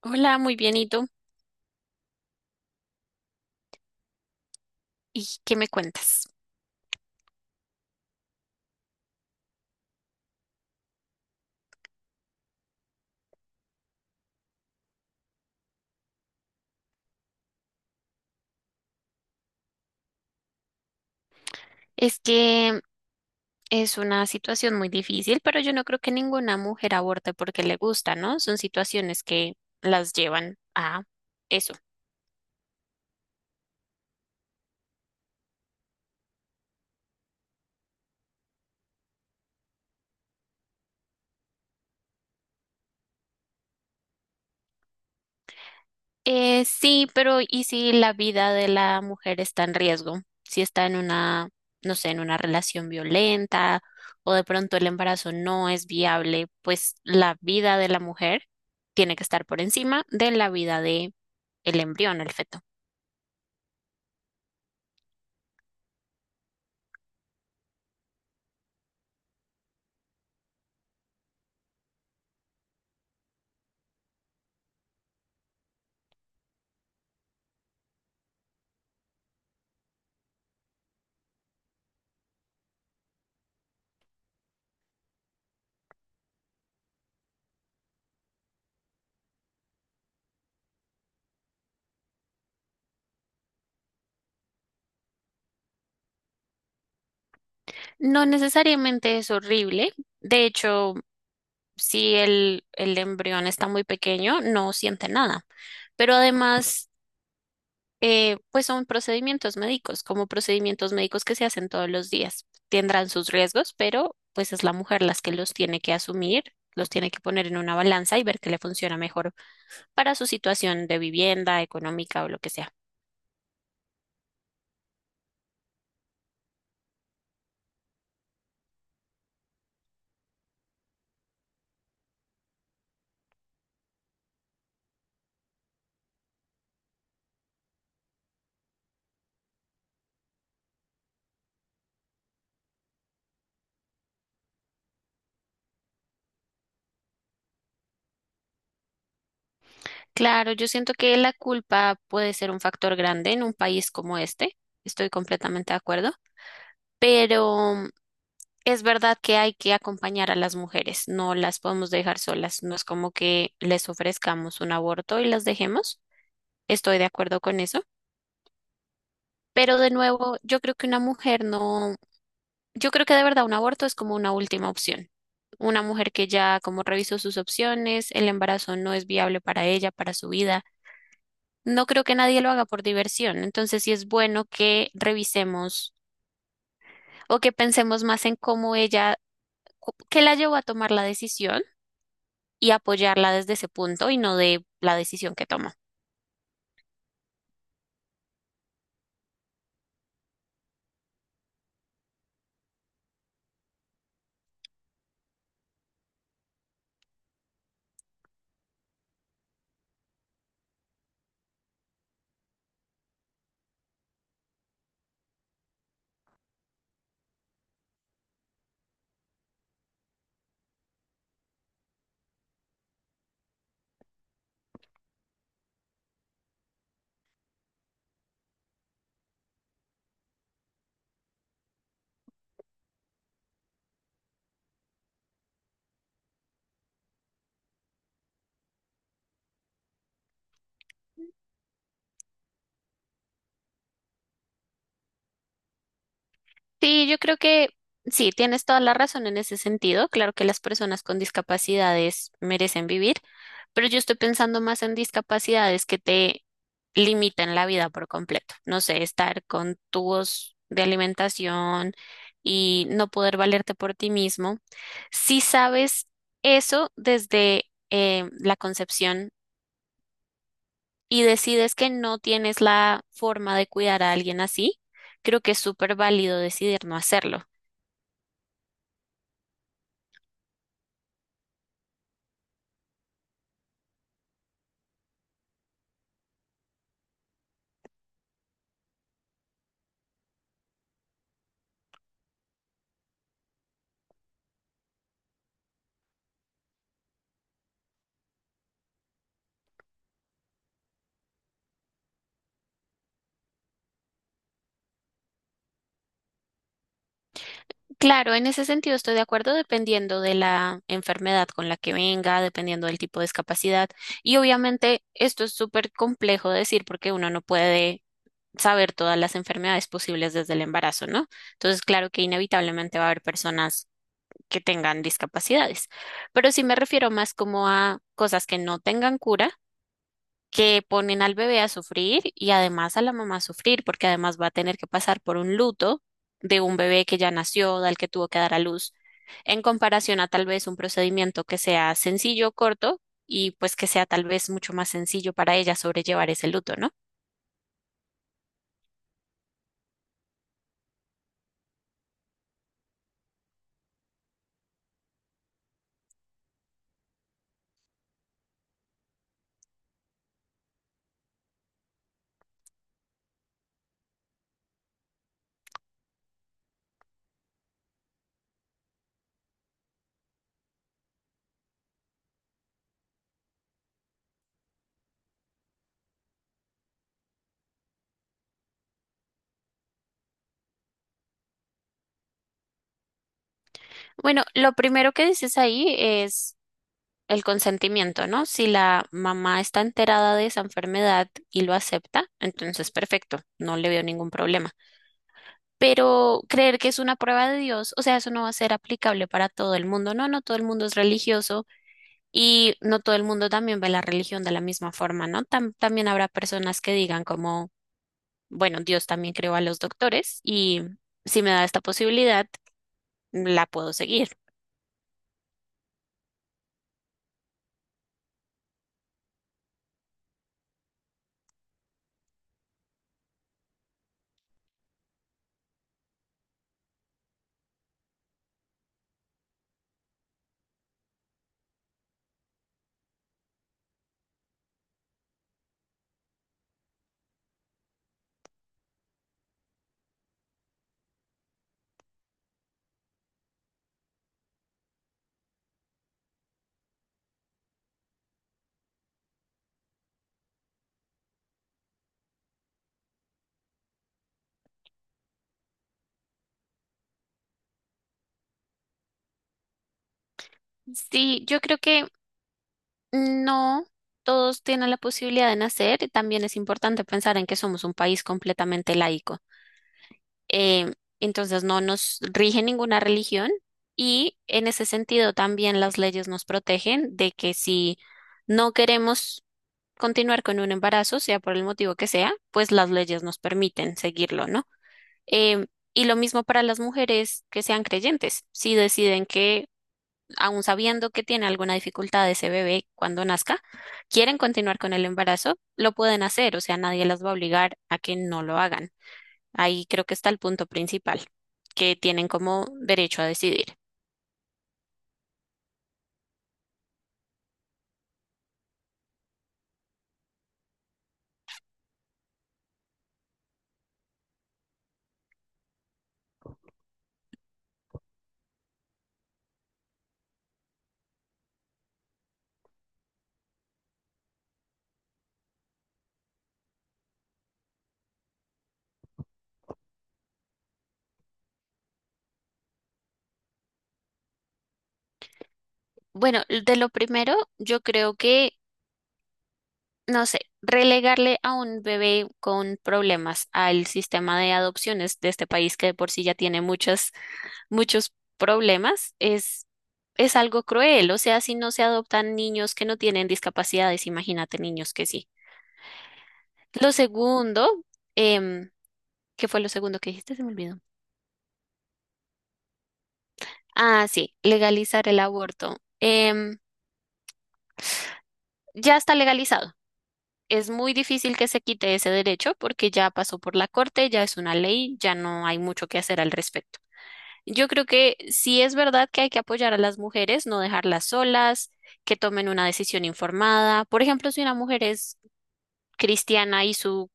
Hola, muy bien, ¿y tú? ¿Y qué me cuentas? Es que es una situación muy difícil, pero yo no creo que ninguna mujer aborte porque le gusta, ¿no? Son situaciones que las llevan a eso. Sí, pero ¿y si la vida de la mujer está en riesgo? Si está en una, no sé, en una relación violenta o de pronto el embarazo no es viable, pues la vida de la mujer tiene que estar por encima de la vida de el embrión, el feto. No necesariamente es horrible. De hecho, si el embrión está muy pequeño, no siente nada. Pero además, pues son procedimientos médicos, como procedimientos médicos que se hacen todos los días. Tendrán sus riesgos, pero pues es la mujer las que los tiene que asumir, los tiene que poner en una balanza y ver qué le funciona mejor para su situación de vivienda, económica o lo que sea. Claro, yo siento que la culpa puede ser un factor grande en un país como este, estoy completamente de acuerdo, pero es verdad que hay que acompañar a las mujeres, no las podemos dejar solas, no es como que les ofrezcamos un aborto y las dejemos, estoy de acuerdo con eso, pero de nuevo, yo creo que una mujer no, yo creo que de verdad un aborto es como una última opción. Una mujer que ya como revisó sus opciones, el embarazo no es viable para ella, para su vida. No creo que nadie lo haga por diversión, entonces sí es bueno que revisemos o que pensemos más en cómo ella, qué la llevó a tomar la decisión y apoyarla desde ese punto y no de la decisión que tomó. Sí, yo creo que sí, tienes toda la razón en ese sentido. Claro que las personas con discapacidades merecen vivir, pero yo estoy pensando más en discapacidades que te limitan la vida por completo. No sé, estar con tubos de alimentación y no poder valerte por ti mismo. Si sabes eso desde la concepción y decides que no tienes la forma de cuidar a alguien así, creo que es súper válido decidir no hacerlo. Claro, en ese sentido estoy de acuerdo, dependiendo de la enfermedad con la que venga, dependiendo del tipo de discapacidad. Y obviamente esto es súper complejo de decir porque uno no puede saber todas las enfermedades posibles desde el embarazo, ¿no? Entonces, claro que inevitablemente va a haber personas que tengan discapacidades, pero sí me refiero más como a cosas que no tengan cura, que ponen al bebé a sufrir y además a la mamá a sufrir, porque además va a tener que pasar por un luto de un bebé que ya nació, del que tuvo que dar a luz, en comparación a tal vez un procedimiento que sea sencillo, corto y pues que sea tal vez mucho más sencillo para ella sobrellevar ese luto, ¿no? Bueno, lo primero que dices ahí es el consentimiento, ¿no? Si la mamá está enterada de esa enfermedad y lo acepta, entonces perfecto, no le veo ningún problema. Pero creer que es una prueba de Dios, o sea, eso no va a ser aplicable para todo el mundo, ¿no? No todo el mundo es religioso y no todo el mundo también ve la religión de la misma forma, ¿no? También habrá personas que digan como, bueno, Dios también creó a los doctores y si me da esta posibilidad, la puedo seguir. Sí, yo creo que no todos tienen la posibilidad de nacer y también es importante pensar en que somos un país completamente laico. eh, entonces no nos rige ninguna religión y en ese sentido también las leyes nos protegen de que si no queremos continuar con un embarazo, sea por el motivo que sea, pues las leyes nos permiten seguirlo, ¿no? Em, y lo mismo para las mujeres que sean creyentes, si deciden que, aun sabiendo que tiene alguna dificultad ese bebé cuando nazca, quieren continuar con el embarazo, lo pueden hacer, o sea, nadie las va a obligar a que no lo hagan. Ahí creo que está el punto principal, que tienen como derecho a decidir. Bueno, de lo primero, yo creo que no sé, relegarle a un bebé con problemas al sistema de adopciones de este país que de por sí ya tiene muchos, muchos problemas, es algo cruel. O sea, si no se adoptan niños que no tienen discapacidades, imagínate niños que sí. Lo segundo, em, ¿qué fue lo segundo que dijiste? Se me olvidó. Ah, sí, legalizar el aborto. Ya está legalizado. Es muy difícil que se quite ese derecho porque ya pasó por la corte, ya es una ley, ya no hay mucho que hacer al respecto. Yo creo que sí es verdad que hay que apoyar a las mujeres, no dejarlas solas, que tomen una decisión informada. Por ejemplo, si una mujer es cristiana y su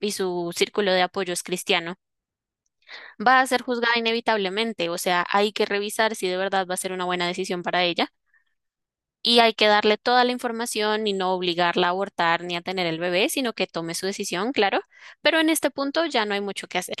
y su círculo de apoyo es cristiano, va a ser juzgada inevitablemente. O sea, hay que revisar si de verdad va a ser una buena decisión para ella y hay que darle toda la información y no obligarla a abortar ni a tener el bebé, sino que tome su decisión, claro. Pero en este punto ya no hay mucho que hacer.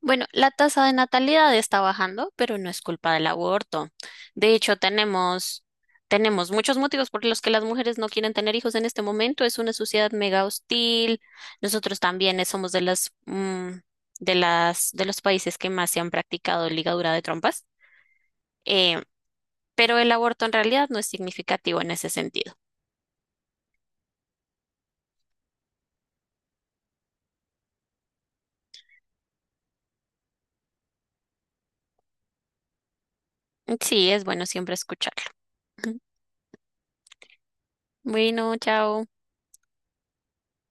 Bueno, la tasa de natalidad está bajando, pero no es culpa del aborto. De hecho, tenemos muchos motivos por los que las mujeres no quieren tener hijos en este momento. Es una sociedad mega hostil. Nosotros también somos de las, de los países que más se han practicado ligadura de trompas. Eh, pero el aborto en realidad no es significativo en ese sentido. Sí, es bueno siempre escucharlo. Bueno, chao.